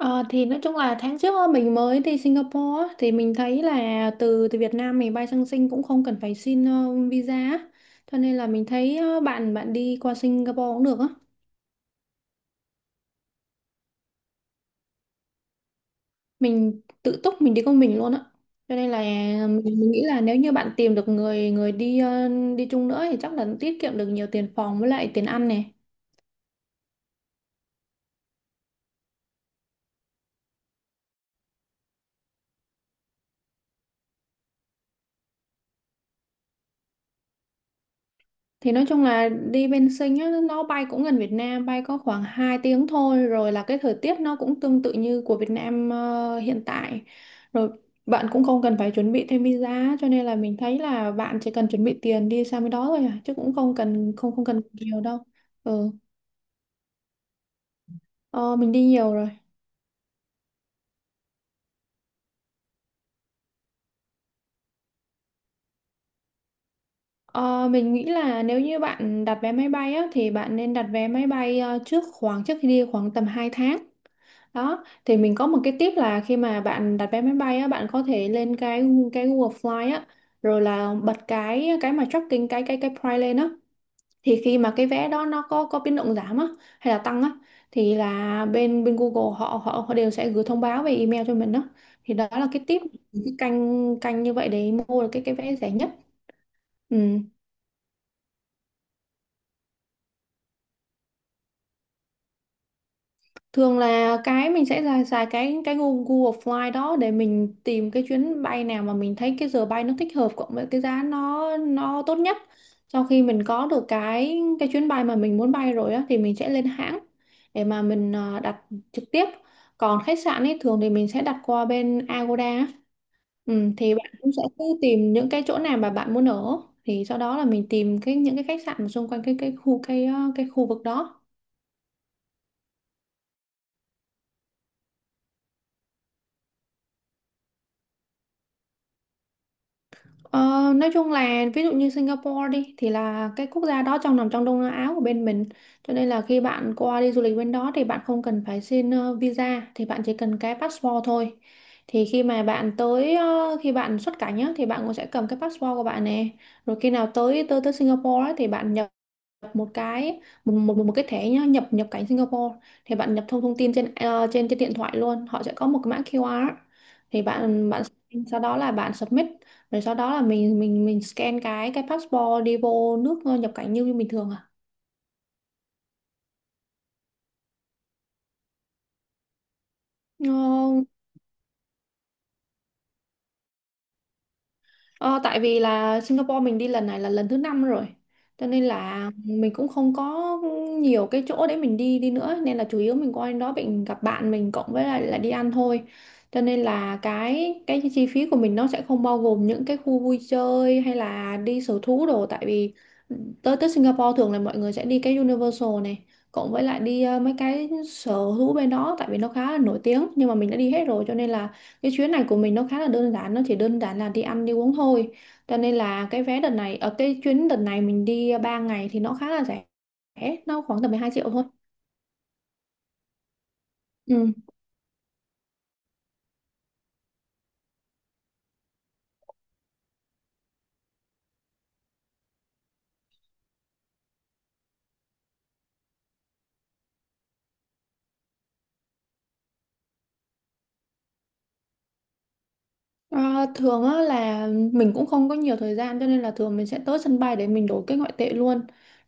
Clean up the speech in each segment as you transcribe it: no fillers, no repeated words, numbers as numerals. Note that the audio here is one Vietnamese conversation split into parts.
Ờ, thì nói chung là tháng trước á, mình mới đi Singapore á, thì mình thấy là từ từ Việt Nam mình bay sang Sing cũng không cần phải xin visa á. Cho nên là mình thấy bạn bạn đi qua Singapore cũng được á. Mình tự túc mình đi con mình luôn á. Cho nên là mình nghĩ là nếu như bạn tìm được người người đi đi chung nữa thì chắc là tiết kiệm được nhiều tiền phòng với lại tiền ăn này. Thì nói chung là đi bên Sinh á, nó bay cũng gần Việt Nam, bay có khoảng 2 tiếng thôi, rồi là cái thời tiết nó cũng tương tự như của Việt Nam hiện tại. Rồi bạn cũng không cần phải chuẩn bị thêm visa, cho nên là mình thấy là bạn chỉ cần chuẩn bị tiền đi sang bên đó thôi à, chứ cũng không cần không không cần nhiều đâu. Ừ, ờ, mình đi nhiều rồi. Ờ, mình nghĩ là nếu như bạn đặt vé máy bay á, thì bạn nên đặt vé máy bay trước khoảng trước khi đi khoảng tầm 2 tháng. Đó, thì mình có một cái tip là khi mà bạn đặt vé máy bay á, bạn có thể lên cái Google Fly á, rồi là bật cái mà tracking cái price lên á. Thì khi mà cái vé đó nó có biến động giảm á hay là tăng á thì là bên bên Google họ họ họ đều sẽ gửi thông báo về email cho mình đó. Thì đó là cái tip cái canh canh như vậy để mua được cái vé rẻ nhất. Ừ. Thường là cái mình sẽ xài cái Google Google Fly đó để mình tìm cái chuyến bay nào mà mình thấy cái giờ bay nó thích hợp cộng với cái giá nó tốt nhất. Sau khi mình có được cái chuyến bay mà mình muốn bay rồi á thì mình sẽ lên hãng để mà mình đặt trực tiếp. Còn khách sạn ấy thường thì mình sẽ đặt qua bên Agoda á. Ừ, thì bạn cũng sẽ cứ tìm những cái chỗ nào mà bạn muốn ở thì sau đó là mình tìm cái những cái khách sạn mà xung quanh cái khu cái cái khu vực đó. Ờ, nói chung là ví dụ như Singapore đi thì là cái quốc gia đó trong nằm trong Đông Nam Á của bên mình, cho nên là khi bạn qua đi du lịch bên đó thì bạn không cần phải xin visa, thì bạn chỉ cần cái passport thôi. Thì khi mà bạn tới khi bạn xuất cảnh á, thì bạn cũng sẽ cầm cái passport của bạn nè, rồi khi nào tới tới tới Singapore á, thì bạn nhập nhập một cái một cái thẻ nhá nhập nhập cảnh Singapore, thì bạn nhập thông thông tin trên trên trên điện thoại luôn, họ sẽ có một cái mã QR, thì bạn bạn sau đó là bạn submit, rồi sau đó là mình scan cái passport đi vô nước nhập cảnh như như bình thường à. Ờ, Ờ, tại vì là Singapore mình đi lần này là lần thứ năm rồi, cho nên là mình cũng không có nhiều cái chỗ để mình đi đi nữa, nên là chủ yếu mình qua đến đó mình gặp bạn mình cộng với lại là đi ăn thôi. Cho nên là cái chi phí của mình nó sẽ không bao gồm những cái khu vui chơi hay là đi sở thú đồ, tại vì tới tới Singapore thường là mọi người sẽ đi cái Universal này, cộng với lại đi mấy cái sở thú bên đó tại vì nó khá là nổi tiếng, nhưng mà mình đã đi hết rồi cho nên là cái chuyến này của mình nó khá là đơn giản, nó chỉ đơn giản là đi ăn đi uống thôi. Cho nên là cái vé đợt này ở cái chuyến đợt này mình đi 3 ngày thì nó khá là rẻ, nó khoảng tầm 12 triệu thôi. Ừ. À, thường á, là mình cũng không có nhiều thời gian cho nên là thường mình sẽ tới sân bay để mình đổi cái ngoại tệ luôn.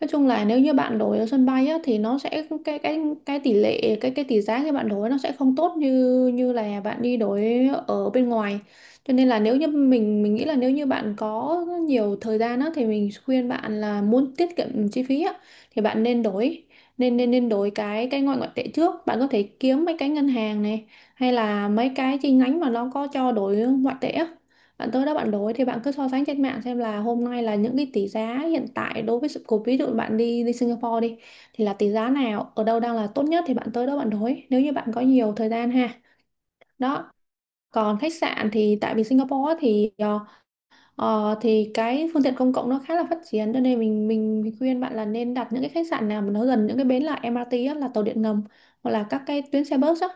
Nói chung là nếu như bạn đổi ở sân bay á, thì nó sẽ cái tỷ lệ cái tỷ giá khi bạn đổi nó sẽ không tốt như như là bạn đi đổi ở bên ngoài. Cho nên là nếu như mình nghĩ là nếu như bạn có nhiều thời gian á, thì mình khuyên bạn là muốn tiết kiệm chi phí á, thì bạn nên đổi nên nên nên đổi cái ngoại ngoại tệ trước. Bạn có thể kiếm mấy cái ngân hàng này hay là mấy cái chi nhánh mà nó có cho đổi ngoại tệ á, bạn tới đó bạn đổi. Thì bạn cứ so sánh trên mạng xem là hôm nay là những cái tỷ giá hiện tại đối với sự cục, ví dụ bạn đi đi Singapore đi, thì là tỷ giá nào ở đâu đang là tốt nhất thì bạn tới đó bạn đổi, nếu như bạn có nhiều thời gian ha. Đó, còn khách sạn thì tại vì Singapore á thì thì cái phương tiện công cộng nó khá là phát triển, cho nên mình khuyên bạn là nên đặt những cái khách sạn nào mà nó gần những cái bến là MRT á, là tàu điện ngầm hoặc là các cái tuyến xe bus á,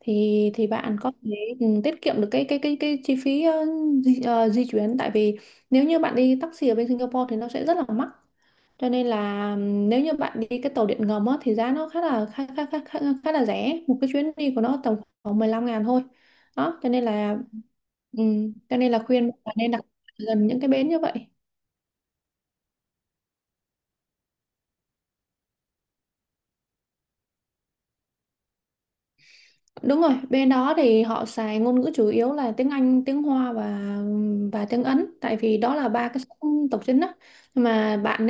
thì bạn có thể ừ, tiết kiệm được cái chi phí di chuyển. Tại vì nếu như bạn đi taxi ở bên Singapore thì nó sẽ rất là mắc, cho nên là nếu như bạn đi cái tàu điện ngầm á, thì giá nó khá là khá, khá, khá, khá, khá là rẻ, một cái chuyến đi của nó tầm khoảng 15 ngàn thôi. Đó cho nên là khuyên bạn nên đặt gần những cái bến như vậy. Đúng rồi, bên đó thì họ xài ngôn ngữ chủ yếu là tiếng Anh, tiếng Hoa và tiếng Ấn, tại vì đó là ba cái sắc tộc chính á. Nhưng mà bạn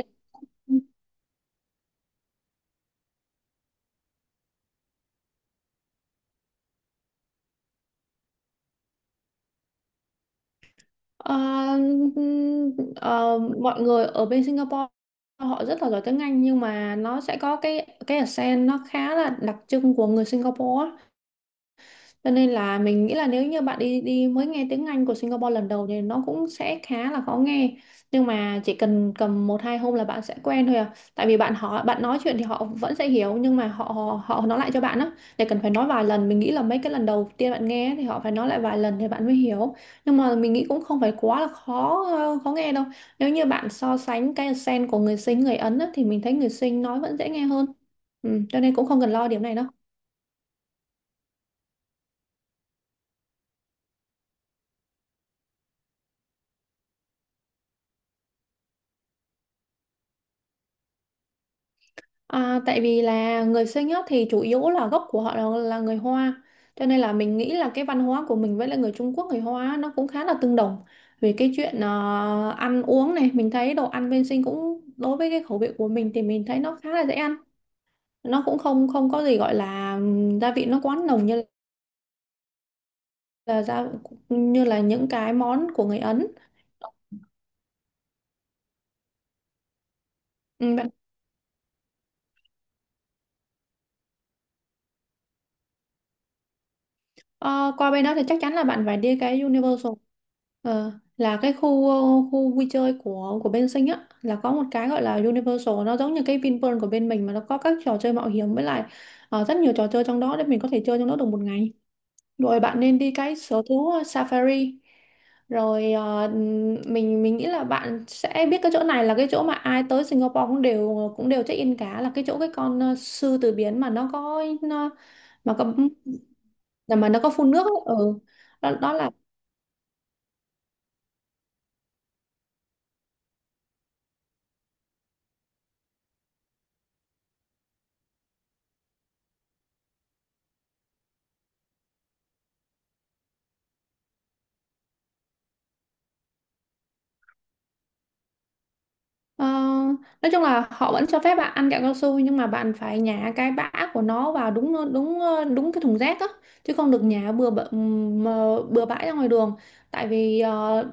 Ờ, ờ, mọi người ở bên Singapore họ rất là giỏi tiếng Anh, nhưng mà nó sẽ có cái accent nó khá là đặc trưng của người Singapore á. Cho nên là mình nghĩ là nếu như bạn đi đi mới nghe tiếng Anh của Singapore lần đầu thì nó cũng sẽ khá là khó nghe. Nhưng mà chỉ cần cầm một hai hôm là bạn sẽ quen thôi à. Tại vì bạn họ bạn nói chuyện thì họ vẫn sẽ hiểu, nhưng mà họ họ, họ nói lại cho bạn á để cần phải nói vài lần. Mình nghĩ là mấy cái lần đầu tiên bạn nghe thì họ phải nói lại vài lần thì bạn mới hiểu. Nhưng mà mình nghĩ cũng không phải quá là khó khó nghe đâu. Nếu như bạn so sánh cái accent của người Sinh người Ấn á, thì mình thấy người Sinh nói vẫn dễ nghe hơn. Ừ, cho nên cũng không cần lo điểm này đâu. À, tại vì là người sinh á, thì chủ yếu là gốc của họ là người Hoa, cho nên là mình nghĩ là cái văn hóa của mình với lại người Trung Quốc người Hoa á, nó cũng khá là tương đồng. Về cái chuyện ăn uống này, mình thấy đồ ăn bên sinh cũng đối với cái khẩu vị của mình thì mình thấy nó khá là dễ ăn, nó cũng không không có gì gọi là gia vị nó quá nồng như là như là những cái món của người Ấn. Ừ, Ờ, qua bên đó thì chắc chắn là bạn phải đi cái Universal Ờ, là cái khu khu vui chơi của bên Sinh á, là có một cái gọi là Universal, nó giống như cái Vinpearl của bên mình mà nó có các trò chơi mạo hiểm với lại rất nhiều trò chơi trong đó để mình có thể chơi trong đó được một ngày. Rồi bạn nên đi cái sở thú Safari, rồi mình nghĩ là bạn sẽ biết cái chỗ này là cái chỗ mà ai tới Singapore cũng đều check in cả, là cái chỗ cái con sư tử biển mà nó có nó, mà có là mà nó có phun nước ấy. Ừ. Đó, đó là Ờ, nói chung là họ vẫn cho phép bạn ăn kẹo cao su, nhưng mà bạn phải nhả cái bã của nó vào đúng đúng đúng cái thùng rác á, chứ không được nhả mà bừa bãi ra ngoài đường. Tại vì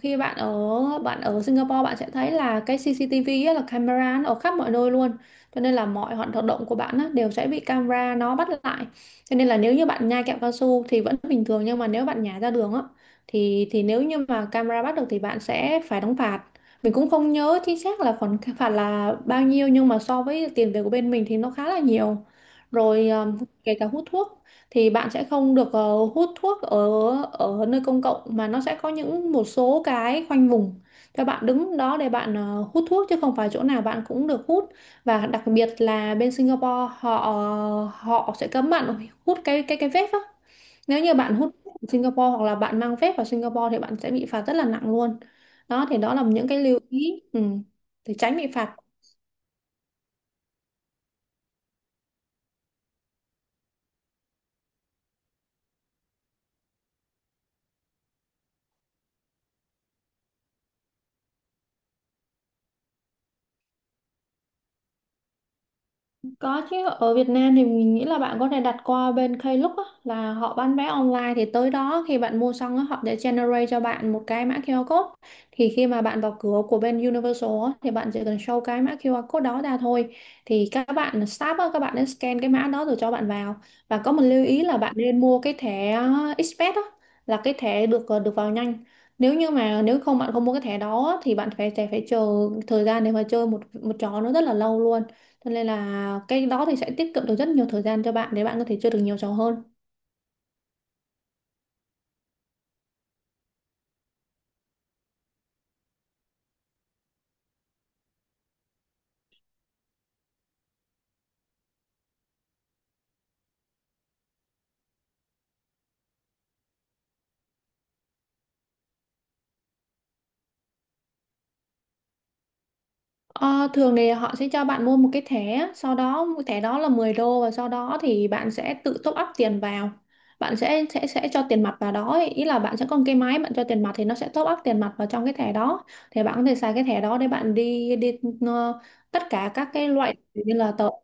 khi bạn ở Singapore, bạn sẽ thấy là cái CCTV á, là camera nó ở khắp mọi nơi luôn. Cho nên là mọi hoạt động của bạn á, đều sẽ bị camera nó bắt lại. Cho nên là nếu như bạn nhai kẹo cao su thì vẫn bình thường, nhưng mà nếu bạn nhả ra đường á, thì nếu như mà camera bắt được thì bạn sẽ phải đóng phạt. Mình cũng không nhớ chính xác là khoản phạt là bao nhiêu, nhưng mà so với tiền về của bên mình thì nó khá là nhiều. Rồi kể cả hút thuốc thì bạn sẽ không được hút thuốc ở ở nơi công cộng, mà nó sẽ có những một số cái khoanh vùng cho bạn đứng đó để bạn hút thuốc, chứ không phải chỗ nào bạn cũng được hút. Và đặc biệt là bên Singapore họ họ sẽ cấm bạn hút cái cái vape á. Nếu như bạn hút phép ở Singapore hoặc là bạn mang phép vào Singapore thì bạn sẽ bị phạt rất là nặng luôn. Đó thì đó là những cái lưu ý để tránh bị phạt. Có chứ, ở Việt Nam thì mình nghĩ là bạn có thể đặt qua bên Klook á, là họ bán vé online, thì tới đó khi bạn mua xong á, họ sẽ generate cho bạn một cái mã QR code. Thì khi mà bạn vào cửa của bên Universal á, thì bạn chỉ cần show cái mã QR code đó ra thôi. Thì các bạn staff á, các bạn nên scan cái mã đó rồi cho bạn vào. Và có một lưu ý là bạn nên mua cái thẻ Express á, là cái thẻ được được vào nhanh. Nếu như mà nếu không bạn không mua cái thẻ đó á, thì bạn phải phải, phải chờ thời gian để mà chơi một một trò nó rất là lâu luôn. Cho nên là cái đó thì sẽ tiết kiệm được rất nhiều thời gian cho bạn để bạn có thể chơi được nhiều trò hơn. Ờ, thường thì họ sẽ cho bạn mua một cái thẻ, sau đó thẻ đó là 10 đô, và sau đó thì bạn sẽ tự top up tiền vào. Bạn sẽ cho tiền mặt vào đó, ấy. Ý là bạn sẽ có một cái máy, bạn cho tiền mặt thì nó sẽ top up tiền mặt vào trong cái thẻ đó. Thì bạn có thể xài cái thẻ đó để bạn đi đi ờ, tất cả các cái loại như là tàu.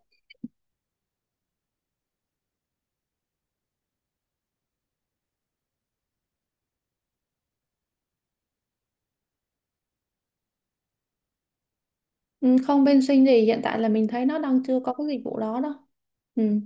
Không, bên Sinh gì hiện tại là mình thấy nó đang chưa có cái dịch vụ đó đâu. Ừ.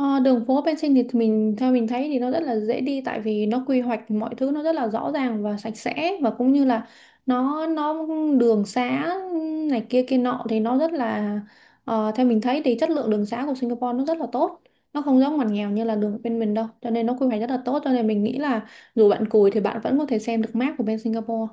Ờ, đường phố bên Sinh thì mình, theo mình thấy thì nó rất là dễ đi, tại vì nó quy hoạch mọi thứ nó rất là rõ ràng và sạch sẽ, và cũng như là nó đường xá này kia kia nọ thì nó rất là theo mình thấy thì chất lượng đường xá của Singapore nó rất là tốt, nó không giống ngoằn nghèo như là đường bên mình đâu, cho nên nó quy hoạch rất là tốt, cho nên mình nghĩ là dù bạn cùi thì bạn vẫn có thể xem được map của bên Singapore.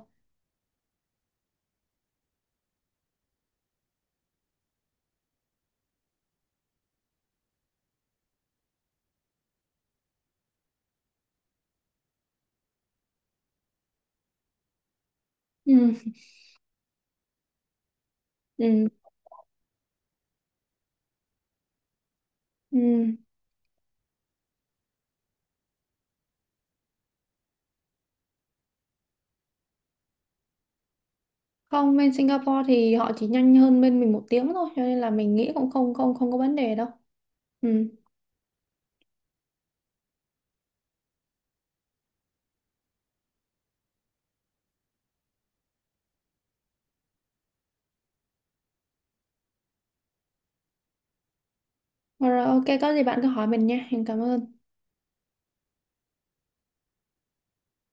Ừ, ừ, ừ. Không, bên Singapore thì họ chỉ nhanh hơn bên mình một tiếng thôi, cho nên là mình nghĩ cũng không không không có vấn đề đâu. Ừ. Rồi, ok, có gì bạn cứ hỏi mình nha. Em cảm ơn.